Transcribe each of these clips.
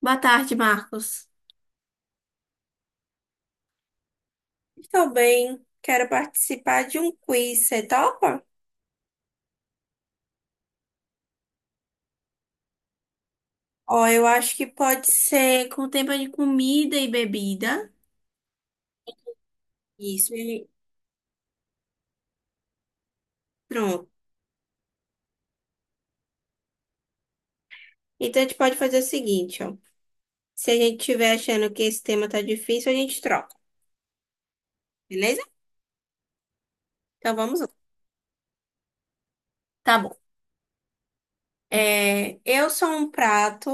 Boa tarde, Marcos. Estou bem, quero participar de um quiz, você topa? Ó, eu acho que pode ser com tema de comida e bebida. Isso, pronto. Então a gente pode fazer o seguinte, ó. Se a gente estiver achando que esse tema tá difícil, a gente troca, beleza? Então vamos lá. Tá bom. É, eu sou um prato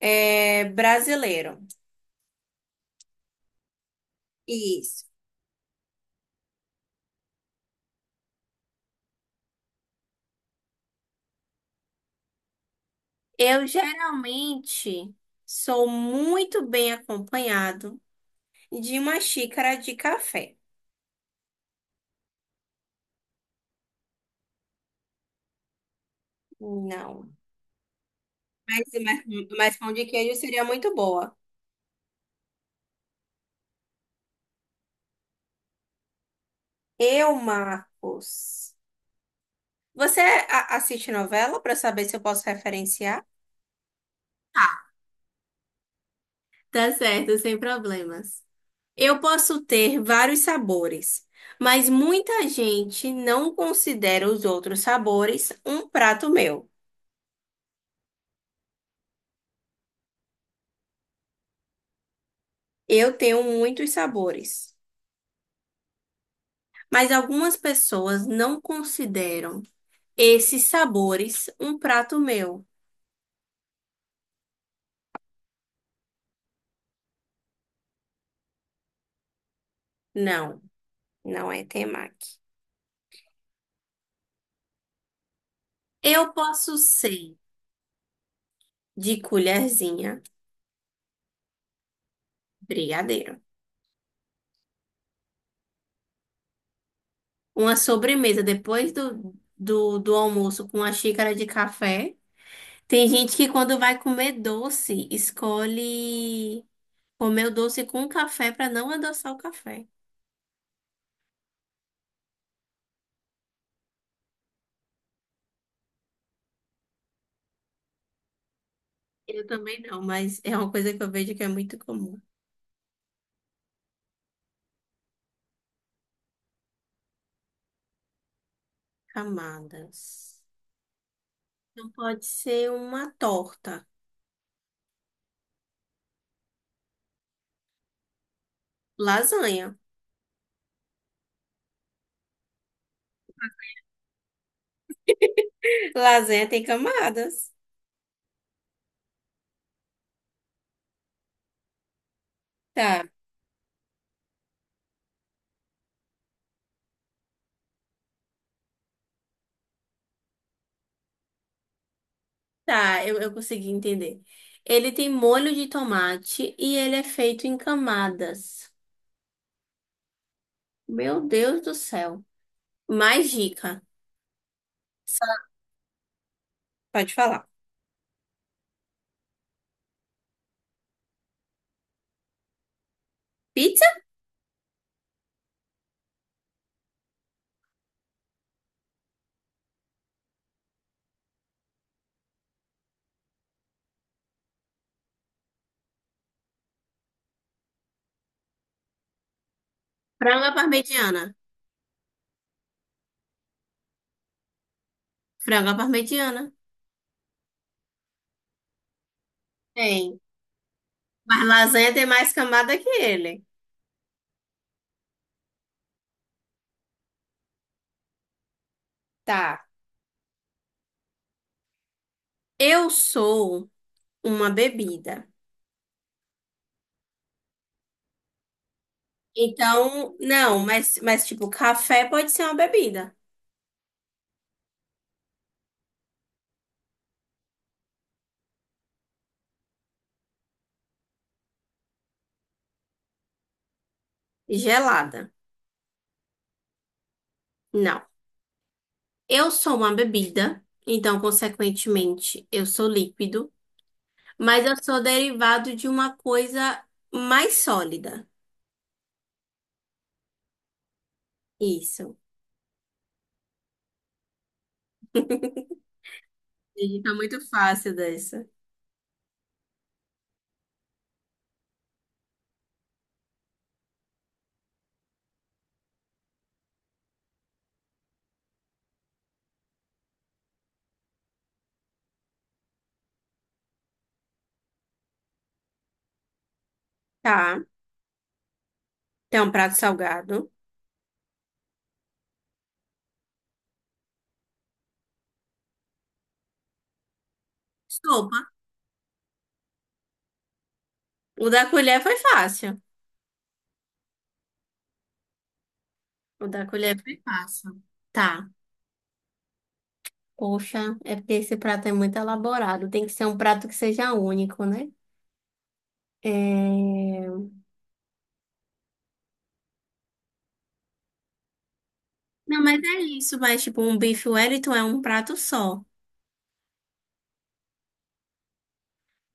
é, brasileiro. Isso. Eu geralmente sou muito bem acompanhado. De uma xícara de café. Não. Mas, mas, mas pão de queijo seria muito boa. Eu, Marcos. Você assiste novela para saber se eu posso referenciar? Tá, tá certo, sem problemas. Eu posso ter vários sabores, mas muita gente não considera os outros sabores um prato meu. Eu tenho muitos sabores, mas algumas pessoas não consideram esses sabores um prato meu. Não, não é temaki. Eu posso ser de colherzinha, brigadeiro. Uma sobremesa depois do almoço com uma xícara de café. Tem gente que quando vai comer doce, escolhe comer o doce com café para não adoçar o café. Eu também não, mas é uma coisa que eu vejo que é muito comum. Camadas. Não pode ser uma torta. Lasanha. Lasanha tem camadas. Tá. Tá, eu consegui entender. Ele tem molho de tomate e ele é feito em camadas. Meu Deus do céu. Mais dica. Pode falar. Pizza? Frango à parmegiana. Frango à parmegiana. Tem. Mas lasanha tem mais camada que ele. Tá. Eu sou uma bebida. Então, não, mas tipo, café pode ser uma bebida. Gelada. Não. Eu sou uma bebida. Então, consequentemente, eu sou líquido. Mas eu sou derivado de uma coisa mais sólida. Isso. Ele tá muito fácil dessa. Tá. Tem um prato salgado. Sopa. O da colher foi fácil. O da colher foi fácil. Tá. Poxa, é porque esse prato é muito elaborado. Tem que ser um prato que seja único, né? É... Não, mas é isso. Mas, tipo, um bife Wellington é um prato só.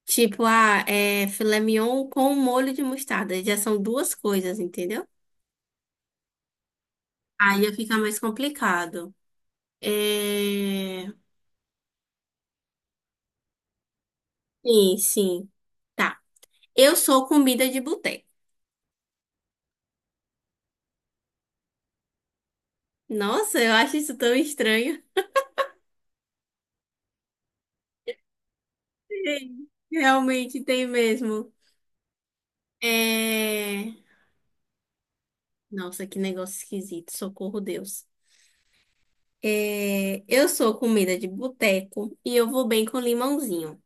Tipo, ah, é filé mignon com molho de mostarda. Já são duas coisas, entendeu? Aí fica mais complicado. É... Sim, sim. Tá. Eu sou comida de boteco. Nossa, eu acho isso tão estranho. Sim, realmente tem mesmo. É... Nossa, que negócio esquisito. Socorro, Deus. É... Eu sou comida de boteco e eu vou bem com limãozinho.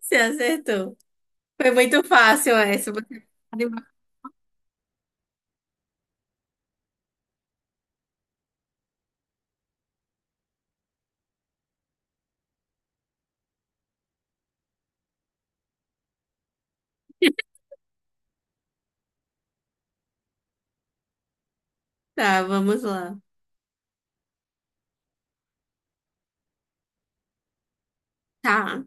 Você acertou. Foi muito fácil essa. Tá, vamos lá. Tá.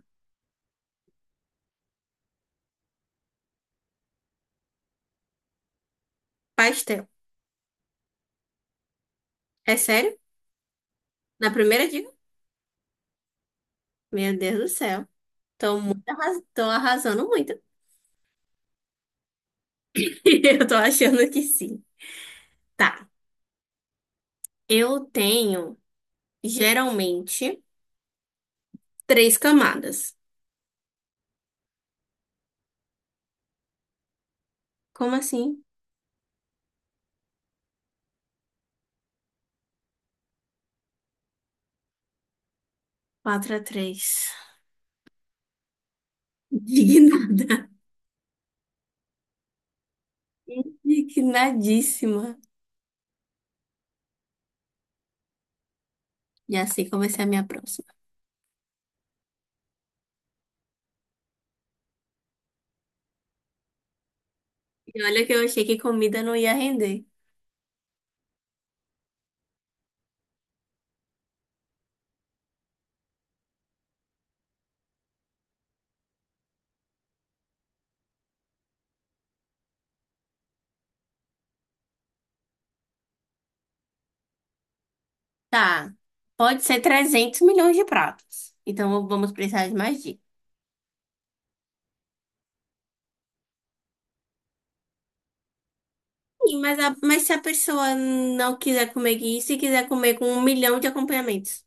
Pastel. É sério? Na primeira dica? Meu Deus do céu. Tô arrasando muito. Eu tô achando que sim. Tá. Eu tenho, geralmente, três camadas. Como assim? Quatro a 3. Indignada. Indignadíssima. E assim comecei a minha próxima. E olha que eu achei que comida não ia render. Tá. Pode ser trezentos milhões de pratos. Então vamos precisar de mais dicas. Sim, mas, mas se a pessoa não quiser comer isso e quiser comer com um milhão de acompanhamentos?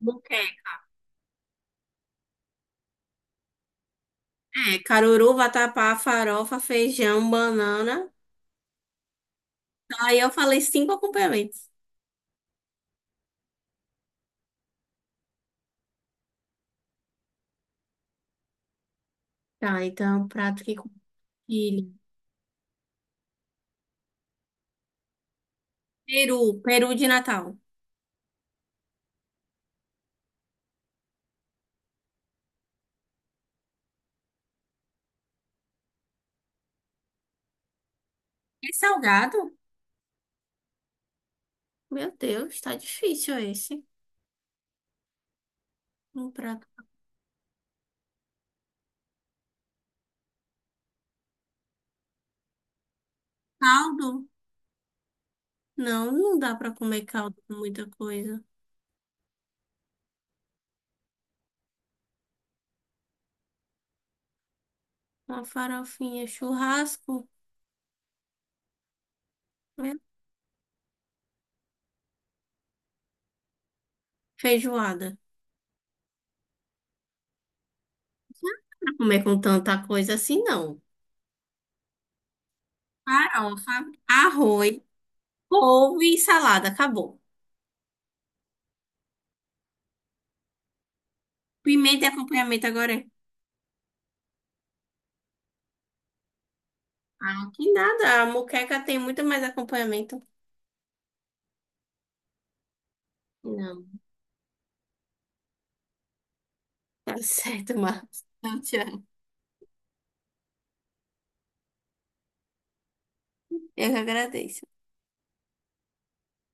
Não. É, caruru, vatapá, farofa, feijão, banana. Aí eu falei cinco acompanhamentos. Tá, então prato que compartilha. Peru, peru de Natal. É salgado? Meu Deus, tá difícil esse. Um prato. Caldo? Não, não dá pra comer caldo com muita coisa. Uma farofinha, churrasco, né? Feijoada. Não dá pra comer com tanta coisa assim, não. Farofa, arroz, couve e salada. Acabou. Pimenta e acompanhamento agora é. Ah, que nada. A moqueca tem muito mais acompanhamento. Não. Tá certo, Marcos. Então, tchau. Eu que agradeço.